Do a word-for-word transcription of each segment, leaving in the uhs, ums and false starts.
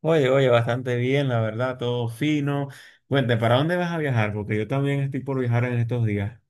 Oye, oye, bastante bien, la verdad, todo fino. Cuente, ¿para dónde vas a viajar? Porque yo también estoy por viajar en estos días.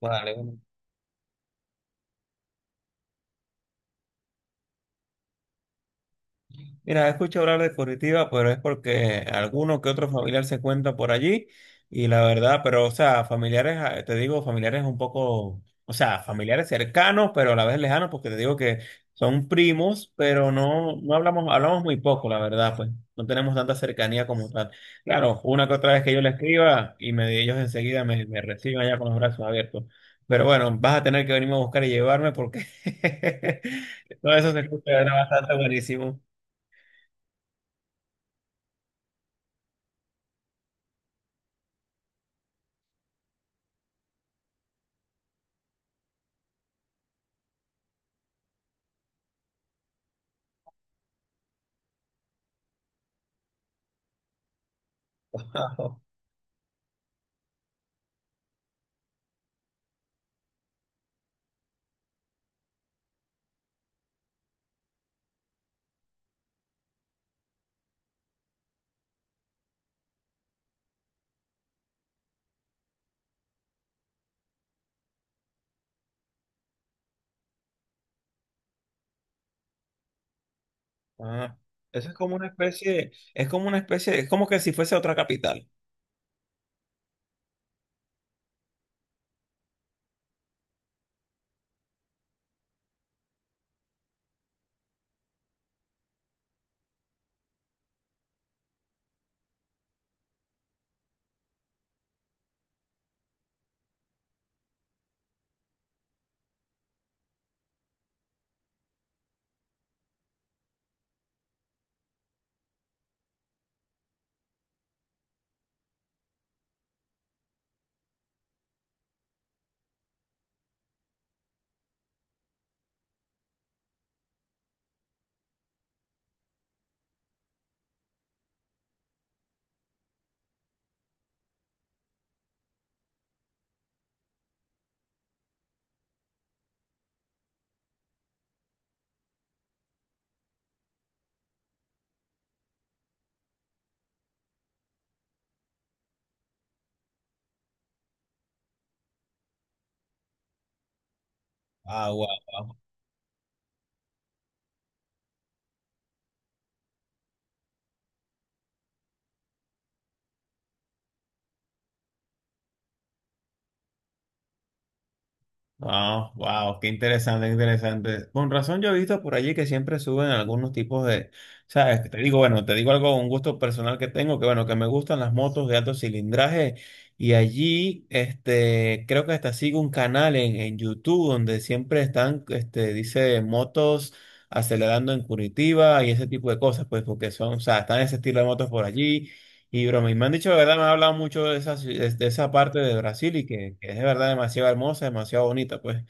Vale. Mira, escucho hablar de Curitiba, pero es porque alguno que otro familiar se cuenta por allí y la verdad, pero o sea, familiares, ah, te digo, familiares un poco, o sea, familiares cercanos, pero a la vez lejanos, porque te digo que son primos, pero no, no hablamos, hablamos muy poco, la verdad, pues no tenemos tanta cercanía como tal. Claro, una que otra vez que yo le escriba y me, ellos enseguida me, me, reciben allá con los brazos abiertos. Pero bueno, vas a tener que venirme a buscar y llevarme porque todo eso se escucha bastante buenísimo. Ajá. Ah, eso es como una especie, es como una especie, es como que si fuese otra capital. Ah, guau. Ah, wow, qué interesante, qué interesante. Con razón yo he visto por allí que siempre suben algunos tipos de, sabes, que te digo, bueno, te digo algo, un gusto personal que tengo, que bueno, que me gustan las motos de alto cilindraje y allí, este, creo que hasta sigo un canal en, en YouTube donde siempre están, este, dice motos acelerando en Curitiba y ese tipo de cosas, pues porque son, o sea, están ese estilo de motos por allí. Y broma, y me han dicho de verdad, me han hablado mucho de esa, ci- de, de esa parte de Brasil y que, que es de verdad demasiado hermosa, demasiado bonita, pues.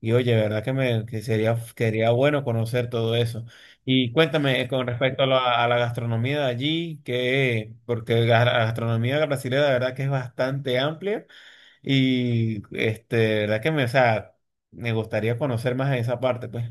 Y oye, de verdad que me que sería, sería bueno conocer todo eso. Y cuéntame eh, con respecto a la, a la gastronomía de allí, que, porque la la gastronomía brasileña de verdad que es bastante amplia y este, de verdad que me, o sea, me gustaría conocer más en esa parte, pues.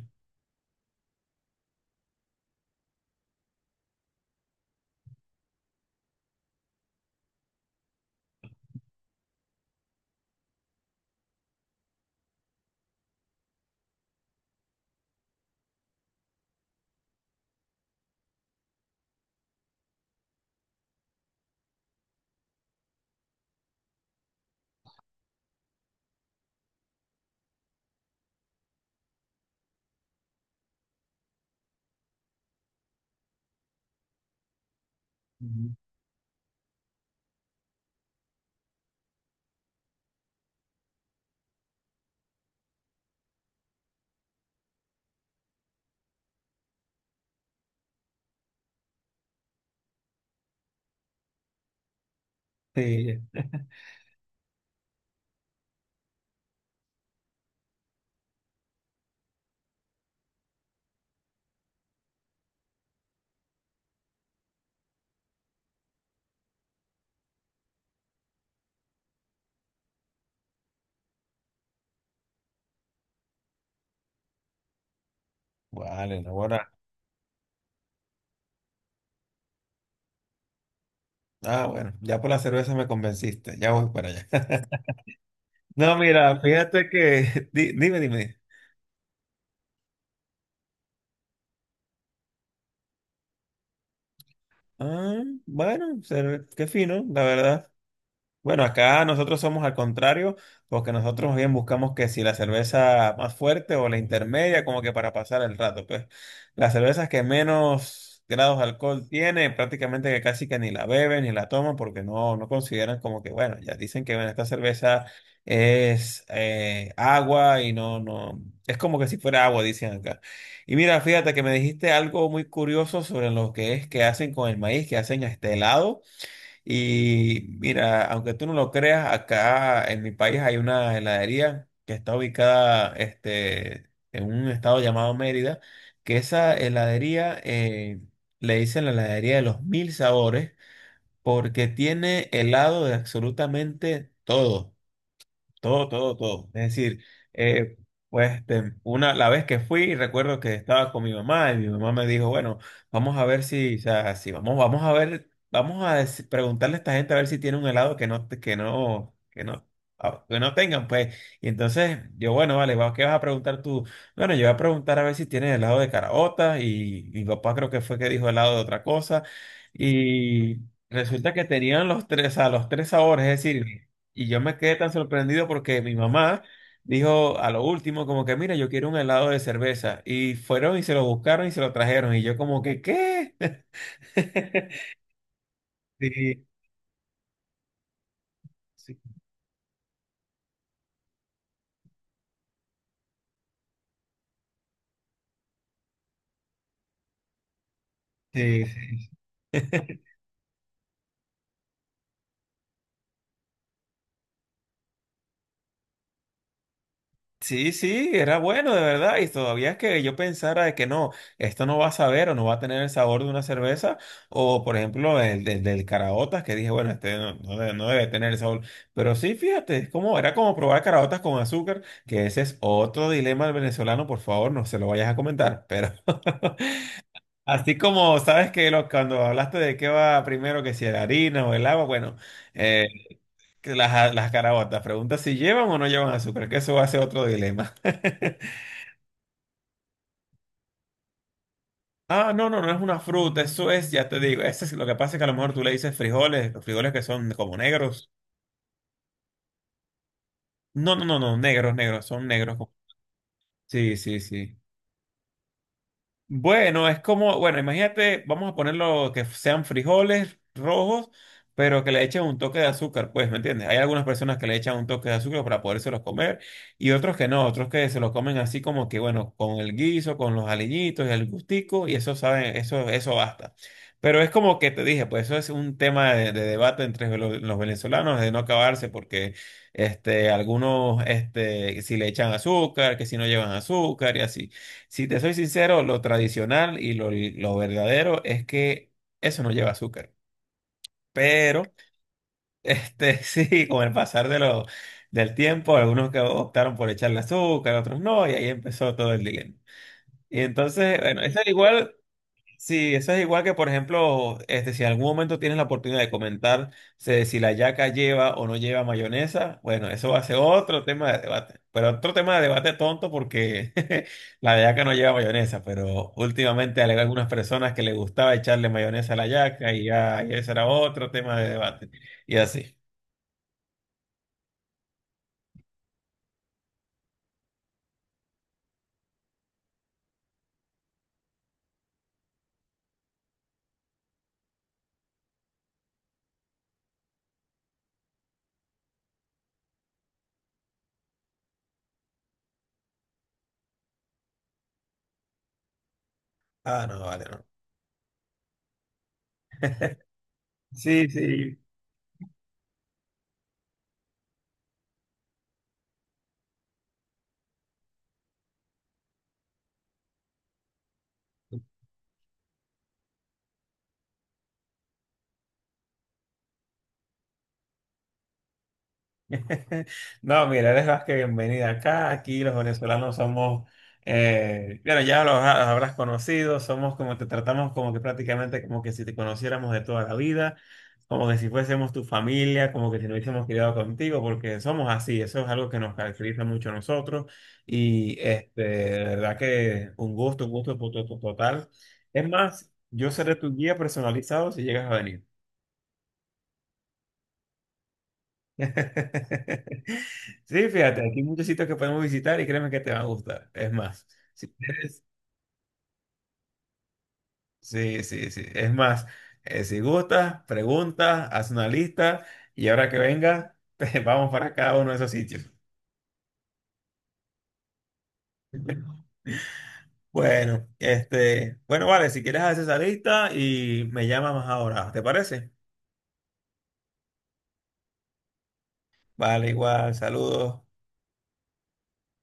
Ujú. Sí. Vale, no, bueno. Ah, bueno, ya por la cerveza me convenciste, ya voy para allá. No, mira, fíjate que, di- dime, dime. Ah, bueno, se- qué fino, la verdad. Bueno, acá nosotros somos al contrario, porque nosotros bien buscamos que si la cerveza más fuerte o la intermedia, como que para pasar el rato, pues las cervezas que menos grados de alcohol tiene, prácticamente que casi que ni la beben ni la toman, porque no, no consideran como que, bueno, ya dicen que bueno, esta cerveza es eh, agua y no, no, es como que si fuera agua, dicen acá. Y mira, fíjate que me dijiste algo muy curioso sobre lo que es que hacen con el maíz, que hacen este helado. Y mira, aunque tú no lo creas, acá en mi país hay una heladería que está ubicada este, en un estado llamado Mérida, que esa heladería eh, le dicen la heladería de los mil sabores porque tiene helado de absolutamente todo. Todo, todo, todo. Es decir, eh, pues este, una, la vez que fui, recuerdo que estaba con mi mamá y mi mamá me dijo, bueno, vamos a ver si, o sea, si vamos, vamos, a ver, vamos a deci- preguntarle a esta gente a ver si tiene un helado que no, te- que no, que no, ah, que no tengan, pues. Y entonces yo, bueno, vale, va, ¿qué vas a preguntar tú? Bueno, yo voy a preguntar a ver si tienen helado de caraota y mi papá creo que fue que dijo helado de otra cosa y resulta que tenían los tres, a los tres sabores, es decir. Y yo me quedé tan sorprendido porque mi mamá dijo a lo último como que, mira, yo quiero un helado de cerveza. Y fueron y se lo buscaron y se lo trajeron. Y yo como que, ¿qué? Sí, sí, sí. Sí, sí, era bueno, de verdad. Y todavía es que yo pensara de que no, esto no va a saber o no va a tener el sabor de una cerveza. O, por ejemplo, el del, del caraotas, que dije, bueno, este no, no debe, no debe tener el sabor. Pero sí, fíjate, es como, era como probar caraotas con azúcar, que ese es otro dilema del venezolano. Por favor, no se lo vayas a comentar. Pero así como sabes que lo- cuando hablaste de qué va primero, que si la harina o el agua, bueno, eh, que las, las caraotas, pregunta si llevan o no llevan azúcar, que eso va a ser otro dilema. Ah, no, no, no es una fruta, eso es, ya te digo, ese es, lo que pasa es que a lo mejor tú le dices frijoles, los frijoles que son como negros. No, no, no, no, negros, negros, son negros. Sí, sí, sí. Bueno, es como, bueno, imagínate, vamos a ponerlo que sean frijoles rojos, pero que le echen un toque de azúcar, pues, ¿me entiendes? Hay algunas personas que le echan un toque de azúcar para podérselos comer y otros que no, otros que se los comen así como que, bueno, con el guiso, con los aliñitos y el gustico y eso saben, eso, eso basta. Pero es como que te dije, pues eso es un tema de, de debate entre los, los venezolanos de no acabarse porque este, algunos, este, si le echan azúcar, que si no llevan azúcar y así. Si te soy sincero, lo tradicional y lo, lo verdadero es que eso no lleva azúcar. Pero, este, sí, con el pasar de lo, del tiempo, algunos que optaron por echarle azúcar, otros no, y ahí empezó todo el lío. Y entonces, bueno. eso igual Sí, eso es igual que, por ejemplo, este, si en algún momento tienes la oportunidad de comentar se- si la yaca lleva o no lleva mayonesa, bueno, eso va a ser otro tema de debate. Pero otro tema de debate tonto porque la yaca no lleva mayonesa, pero últimamente hay algunas personas que le gustaba echarle mayonesa a la yaca y ya, y ese era otro tema de debate. Y así. Ah, no, vale, no. Sí, sí. No, mira, eres más que bienvenida acá. Aquí los venezolanos somos, eh, bueno, ya los ha- habrás conocido, somos como te tratamos como que prácticamente como que si te conociéramos de toda la vida, como que si fuésemos tu familia, como que si nos hubiésemos criado contigo, porque somos así, eso es algo que nos caracteriza mucho a nosotros. Y este, de verdad que un gusto, un gusto to- to- to- total. Es más, yo seré tu guía personalizado si llegas a venir. Sí, fíjate, aquí hay muchos sitios que podemos visitar y créeme que te van a gustar. Es más, si quieres, sí, sí, sí. Es más, eh, si gustas, preguntas, haz una lista y ahora que venga, te vamos para cada uno de esos sitios. Bueno, este, bueno, vale, si quieres haces esa lista y me llamas más ahora, ¿te parece? Vale, igual, saludos.